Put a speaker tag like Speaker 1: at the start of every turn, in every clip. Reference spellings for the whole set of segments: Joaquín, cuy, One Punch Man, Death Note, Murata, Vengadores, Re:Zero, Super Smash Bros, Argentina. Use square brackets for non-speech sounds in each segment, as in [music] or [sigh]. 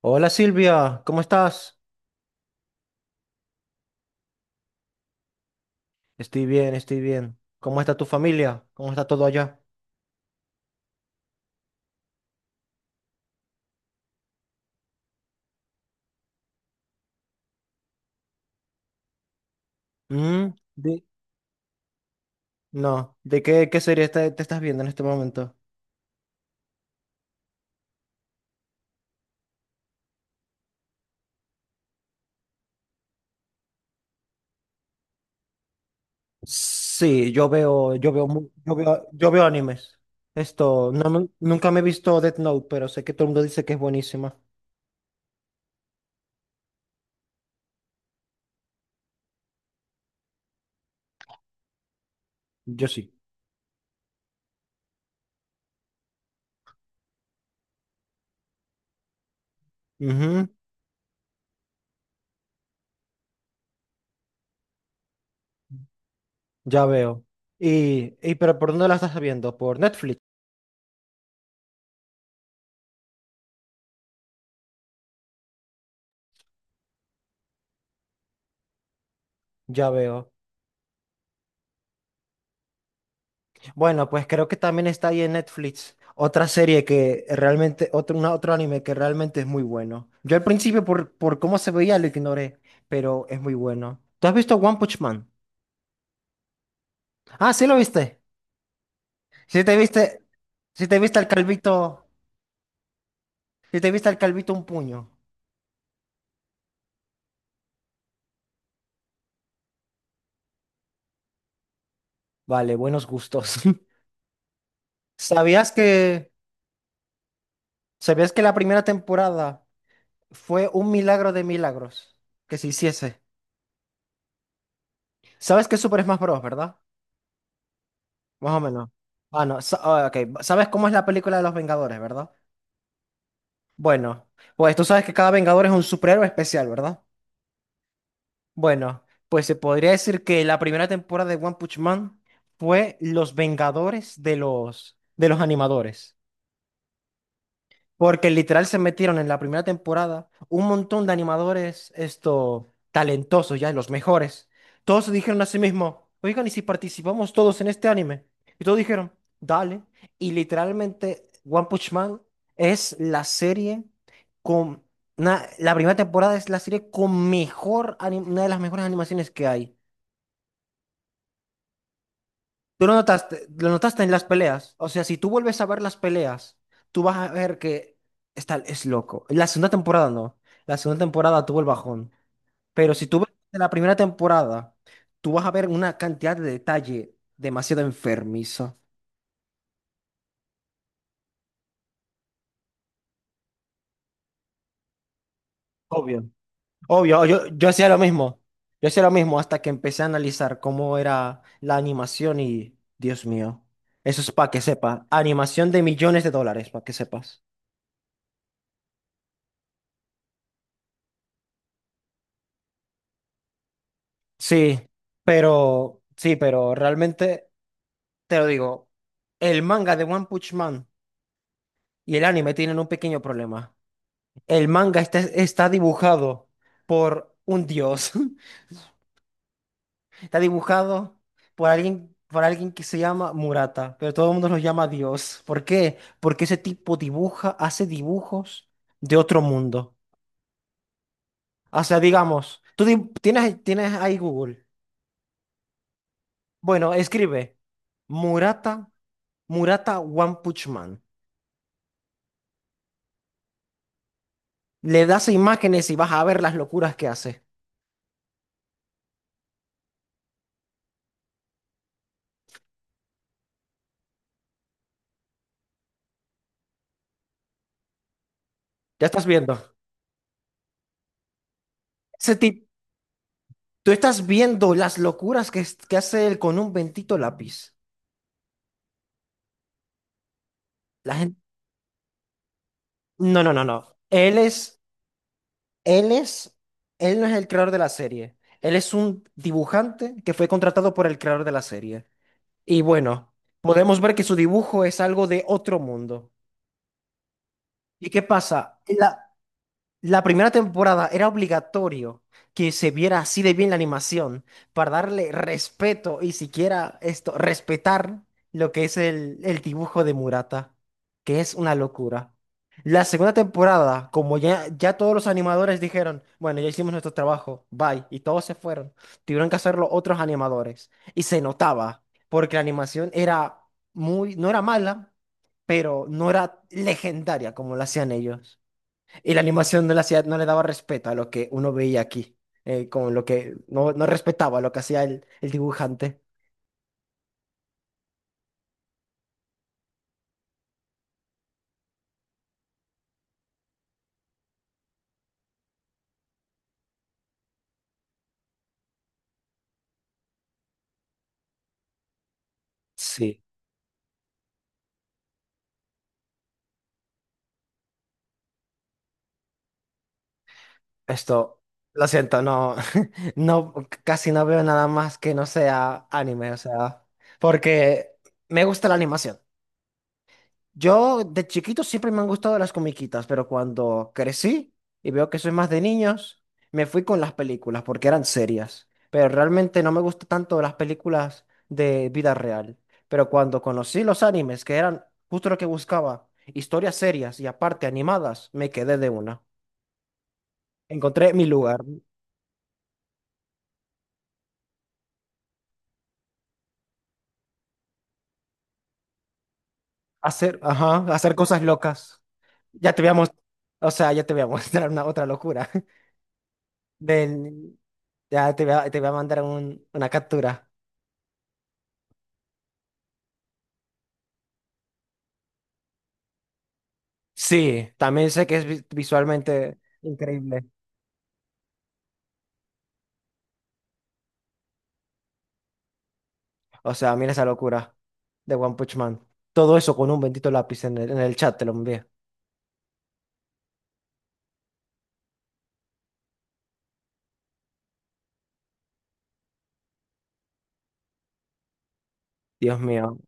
Speaker 1: Hola Silvia, ¿cómo estás? Estoy bien, estoy bien. ¿Cómo está tu familia? ¿Cómo está todo allá? Mm, de- No, ¿de qué serie te estás viendo en este momento? Sí, yo veo, mu- yo veo animes. No, nunca me he visto Death Note, pero sé que todo el mundo dice que es buenísima. Yo sí. Ujú, ya veo. Pero ¿por dónde la estás viendo? ¿Por Netflix? Ya veo. Bueno, pues creo que también está ahí en Netflix otra serie que realmente, otro anime que realmente es muy bueno. Yo al principio por cómo se veía lo ignoré, pero es muy bueno. ¿Tú has visto One Punch Man? Ah, sí lo viste. Sí te viste, sí te viste al calvito, sí te viste al calvito un puño. Vale, buenos gustos. [laughs] ¿Sabías que, sabías que la primera temporada fue un milagro de milagros que se hiciese? ¿Sabes qué es Super Smash Bros, verdad? Más o menos. Ah, no. Ah, ok. ¿Sabes cómo es la película de los Vengadores, verdad? Bueno, pues tú sabes que cada Vengador es un superhéroe especial, ¿verdad? Bueno, pues se podría decir que la primera temporada de One Punch Man fue los Vengadores de los animadores. Porque literal se metieron en la primera temporada un montón de animadores, talentosos ya, los mejores. Todos se dijeron a sí mismos, oigan, ¿y si participamos todos en este anime? Y todos dijeron, dale. Y literalmente One Punch Man es la serie con... la primera temporada es la serie con mejor, una de las mejores animaciones que hay. Tú lo notaste en las peleas. O sea, si tú vuelves a ver las peleas, tú vas a ver que es loco. La segunda temporada no. La segunda temporada tuvo el bajón. Pero si tú ves la primera temporada, tú vas a ver una cantidad de detalle demasiado enfermizo. Obvio. Obvio, yo hacía lo mismo. Yo hacía lo mismo hasta que empecé a analizar cómo era la animación y, Dios mío, eso es para que sepas. Animación de millones de dólares, para que sepas. Sí, pero realmente te lo digo, el manga de One Punch Man y el anime tienen un pequeño problema. El manga está dibujado por un dios, [laughs] está dibujado por alguien que se llama Murata, pero todo el mundo lo llama Dios. ¿Por qué? Porque ese tipo dibuja, hace dibujos de otro mundo. O sea, digamos, tienes ahí Google. Bueno, escribe Murata, Murata One Punch Man. Le das imágenes y vas a ver las locuras que hace. Ya estás viendo. Ese tipo, tú estás viendo las locuras que hace él con un bendito lápiz. La gente, no, no, no, no. Él es, él no es el creador de la serie. Él es un dibujante que fue contratado por el creador de la serie. Y bueno, podemos ver que su dibujo es algo de otro mundo. ¿Y qué pasa? La primera temporada era obligatorio que se viera así de bien la animación para darle respeto y siquiera respetar lo que es el dibujo de Murata, que es una locura. La segunda temporada, como ya todos los animadores dijeron, bueno, ya hicimos nuestro trabajo, bye, y todos se fueron, tuvieron que hacerlo otros animadores. Y se notaba, porque la animación era muy, no era mala, pero no era legendaria como la hacían ellos. Y la animación de la ciudad no le daba respeto a lo que uno veía aquí, con lo que no respetaba lo que hacía el dibujante. Sí, esto, lo siento, no, [laughs] no, casi no veo nada más que no sea anime, o sea, porque me gusta la animación. Yo de chiquito siempre me han gustado las comiquitas, pero cuando crecí y veo que soy más de niños, me fui con las películas porque eran serias. Pero realmente no me gustan tanto las películas de vida real. Pero cuando conocí los animes, que eran justo lo que buscaba, historias serias y aparte animadas, me quedé de una. Encontré mi lugar. Hacer, ajá, hacer cosas locas. Ya te voy a mostrar, o sea, ya te voy a [laughs] mostrar una otra locura. [laughs] Del, ya te voy a mandar una captura. Sí, también sé que es visualmente increíble. O sea, mira esa locura de One Punch Man. Todo eso con un bendito lápiz en el chat te lo envié. Dios mío.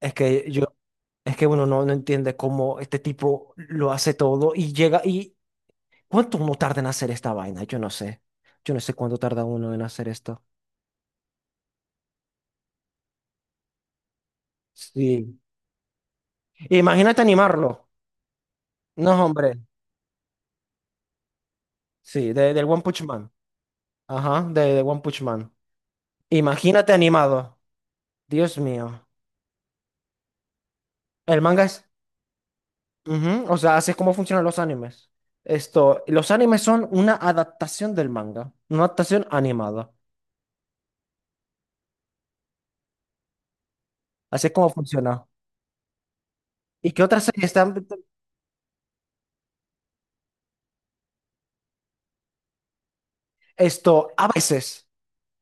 Speaker 1: Es que yo, es que uno no entiende cómo este tipo lo hace todo y llega y ¿cuánto uno tarda en hacer esta vaina? Yo no sé. Yo no sé cuánto tarda uno en hacer esto. Sí. Imagínate animarlo. No, hombre. Sí, del One Punch Man. Ajá, de One Punch Man. Imagínate animado. Dios mío. El manga es. Ujú, o sea, así es como funcionan los animes. Los animes son una adaptación del manga, una adaptación animada. Así es como funciona. ¿Y qué otras series están? A veces,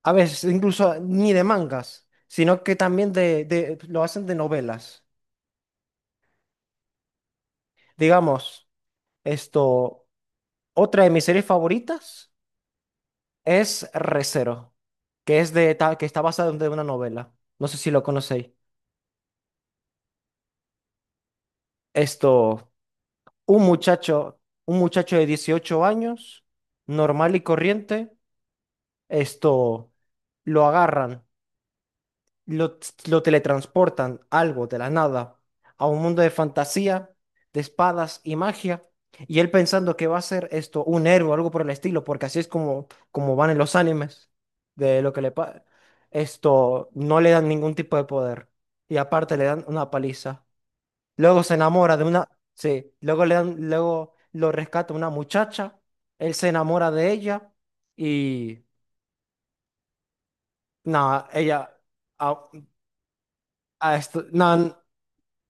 Speaker 1: a veces, incluso ni de mangas, sino que también lo hacen de novelas. Digamos, esto, otra de mis series favoritas es Re:Zero, que es que está basada en de una novela. No sé si lo conocéis. Esto. Un muchacho, de 18 años, normal y corriente, esto lo agarran, lo, lo teletransportan, algo de la nada, a un mundo de fantasía, de espadas y magia, y él pensando que va a ser esto un héroe o algo por el estilo, porque así es como van en los animes, de lo que le pasa. Esto no le dan ningún tipo de poder, y aparte le dan una paliza. Luego se enamora de una, sí, luego luego lo rescata una muchacha, él se enamora de ella y nada, ella a- a esto- nah, n-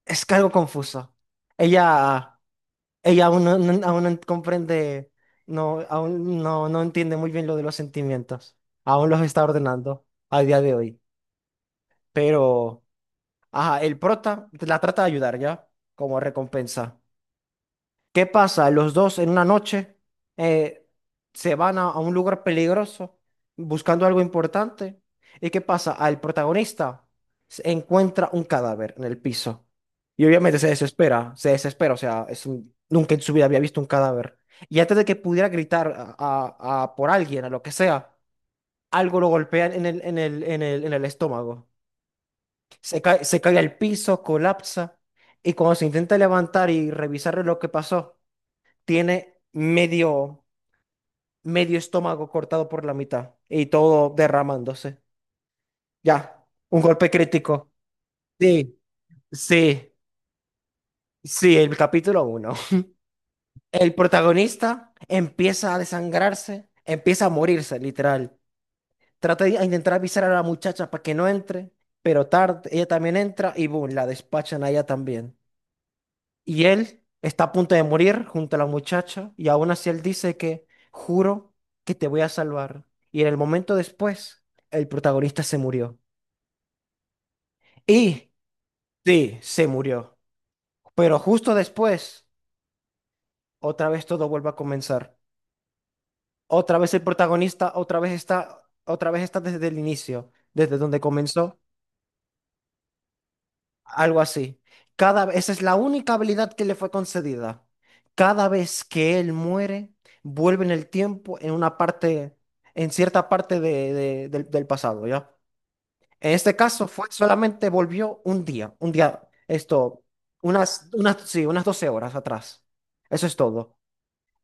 Speaker 1: es que algo confuso. Ella ella aún aún no comprende, no aún no no entiende muy bien lo de los sentimientos. Aún los está ordenando a día de hoy, pero ajá, el prota la trata de ayudar ya como recompensa. ¿Qué pasa? Los dos en una noche eh, se van a un lugar peligroso buscando algo importante. ¿Y qué pasa? Al protagonista se encuentra un cadáver en el piso. Y obviamente se desespera, o sea, nunca en su vida había visto un cadáver. Y antes de que pudiera gritar a por alguien, a lo que sea, algo lo golpea en el estómago. Se cae al piso, colapsa. Y cuando se intenta levantar y revisar lo que pasó, tiene medio estómago cortado por la mitad y todo derramándose. Ya, un golpe crítico. Sí, sí, sí, el capítulo uno. El protagonista empieza a desangrarse, empieza a morirse, literal. Trata de a intentar avisar a la muchacha para que no entre, pero tarde, ella también entra y boom, la despachan a ella también. Y él está a punto de morir junto a la muchacha y aún así él dice que juro que te voy a salvar. Y en el momento después, el protagonista se murió. Y sí, se murió. Pero justo después, otra vez todo vuelve a comenzar. Otra vez el protagonista, otra vez está desde el inicio, desde donde comenzó. Algo así. Esa es la única habilidad que le fue concedida. Cada vez que él muere, vuelve en el tiempo en una parte, en cierta parte del pasado, ¿ya? En este caso fue solamente volvió un día, esto, sí, unas 12 horas atrás. Eso es todo.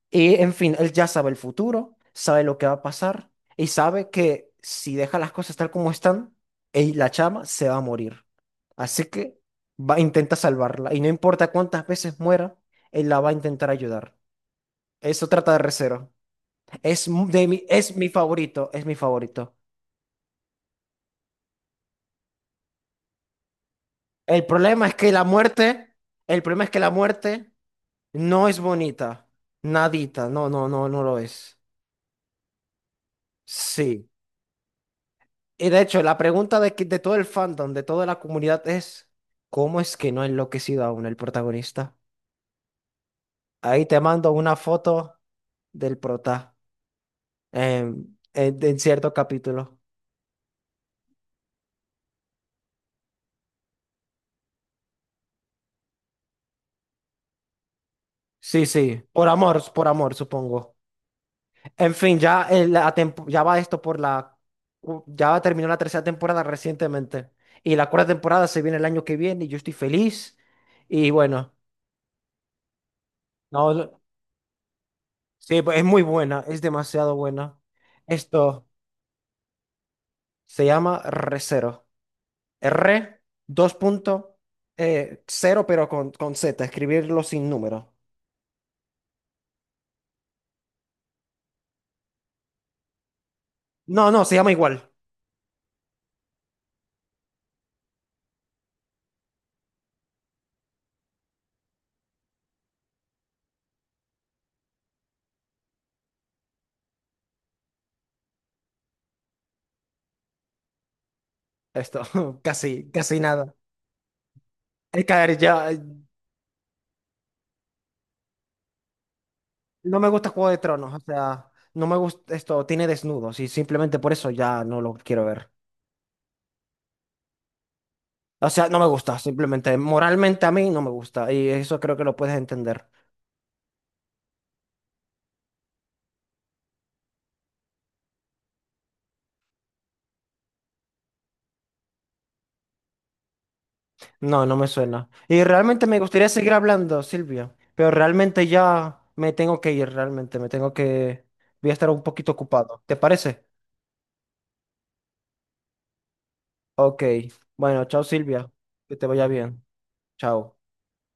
Speaker 1: Y en fin, él ya sabe el futuro, sabe lo que va a pasar y sabe que si deja las cosas tal como están, la chama se va a morir. Así que va, intenta salvarla y no importa cuántas veces muera, él la va a intentar ayudar. Eso trata de Re:Zero. Es mi favorito, es mi favorito. El problema es que la muerte, el problema es que la muerte no es bonita. Nadita, no, no, no, no lo es. Sí. Y de hecho, la pregunta de todo el fandom, de toda la comunidad es, ¿cómo es que no ha enloquecido aún el protagonista? Ahí te mando una foto del prota en cierto capítulo. Sí, sí, por amor, supongo. En fin, ya, ya va esto por la. Ya terminó la tercera temporada recientemente. Y la cuarta temporada se viene el año que viene y yo estoy feliz. Y bueno, no, no- sí, pues, es muy buena, es demasiado buena. Esto... Se llama Re:Zero. R, dos punto, cero, pero con Z, escribirlo sin número. No, no, se llama igual. Esto, [laughs] casi, casi nada. Es caer ya. No me gusta Juego de Tronos, o sea, no me gusta esto, tiene desnudos y simplemente por eso ya no lo quiero ver. O sea, no me gusta, simplemente moralmente a mí no me gusta y eso creo que lo puedes entender. No, no me suena. Y realmente me gustaría seguir hablando, Silvia, pero realmente ya me tengo que ir, realmente me tengo que. Voy a estar un poquito ocupado. ¿Te parece? Ok. Bueno, chao, Silvia. Que te vaya bien. Chao.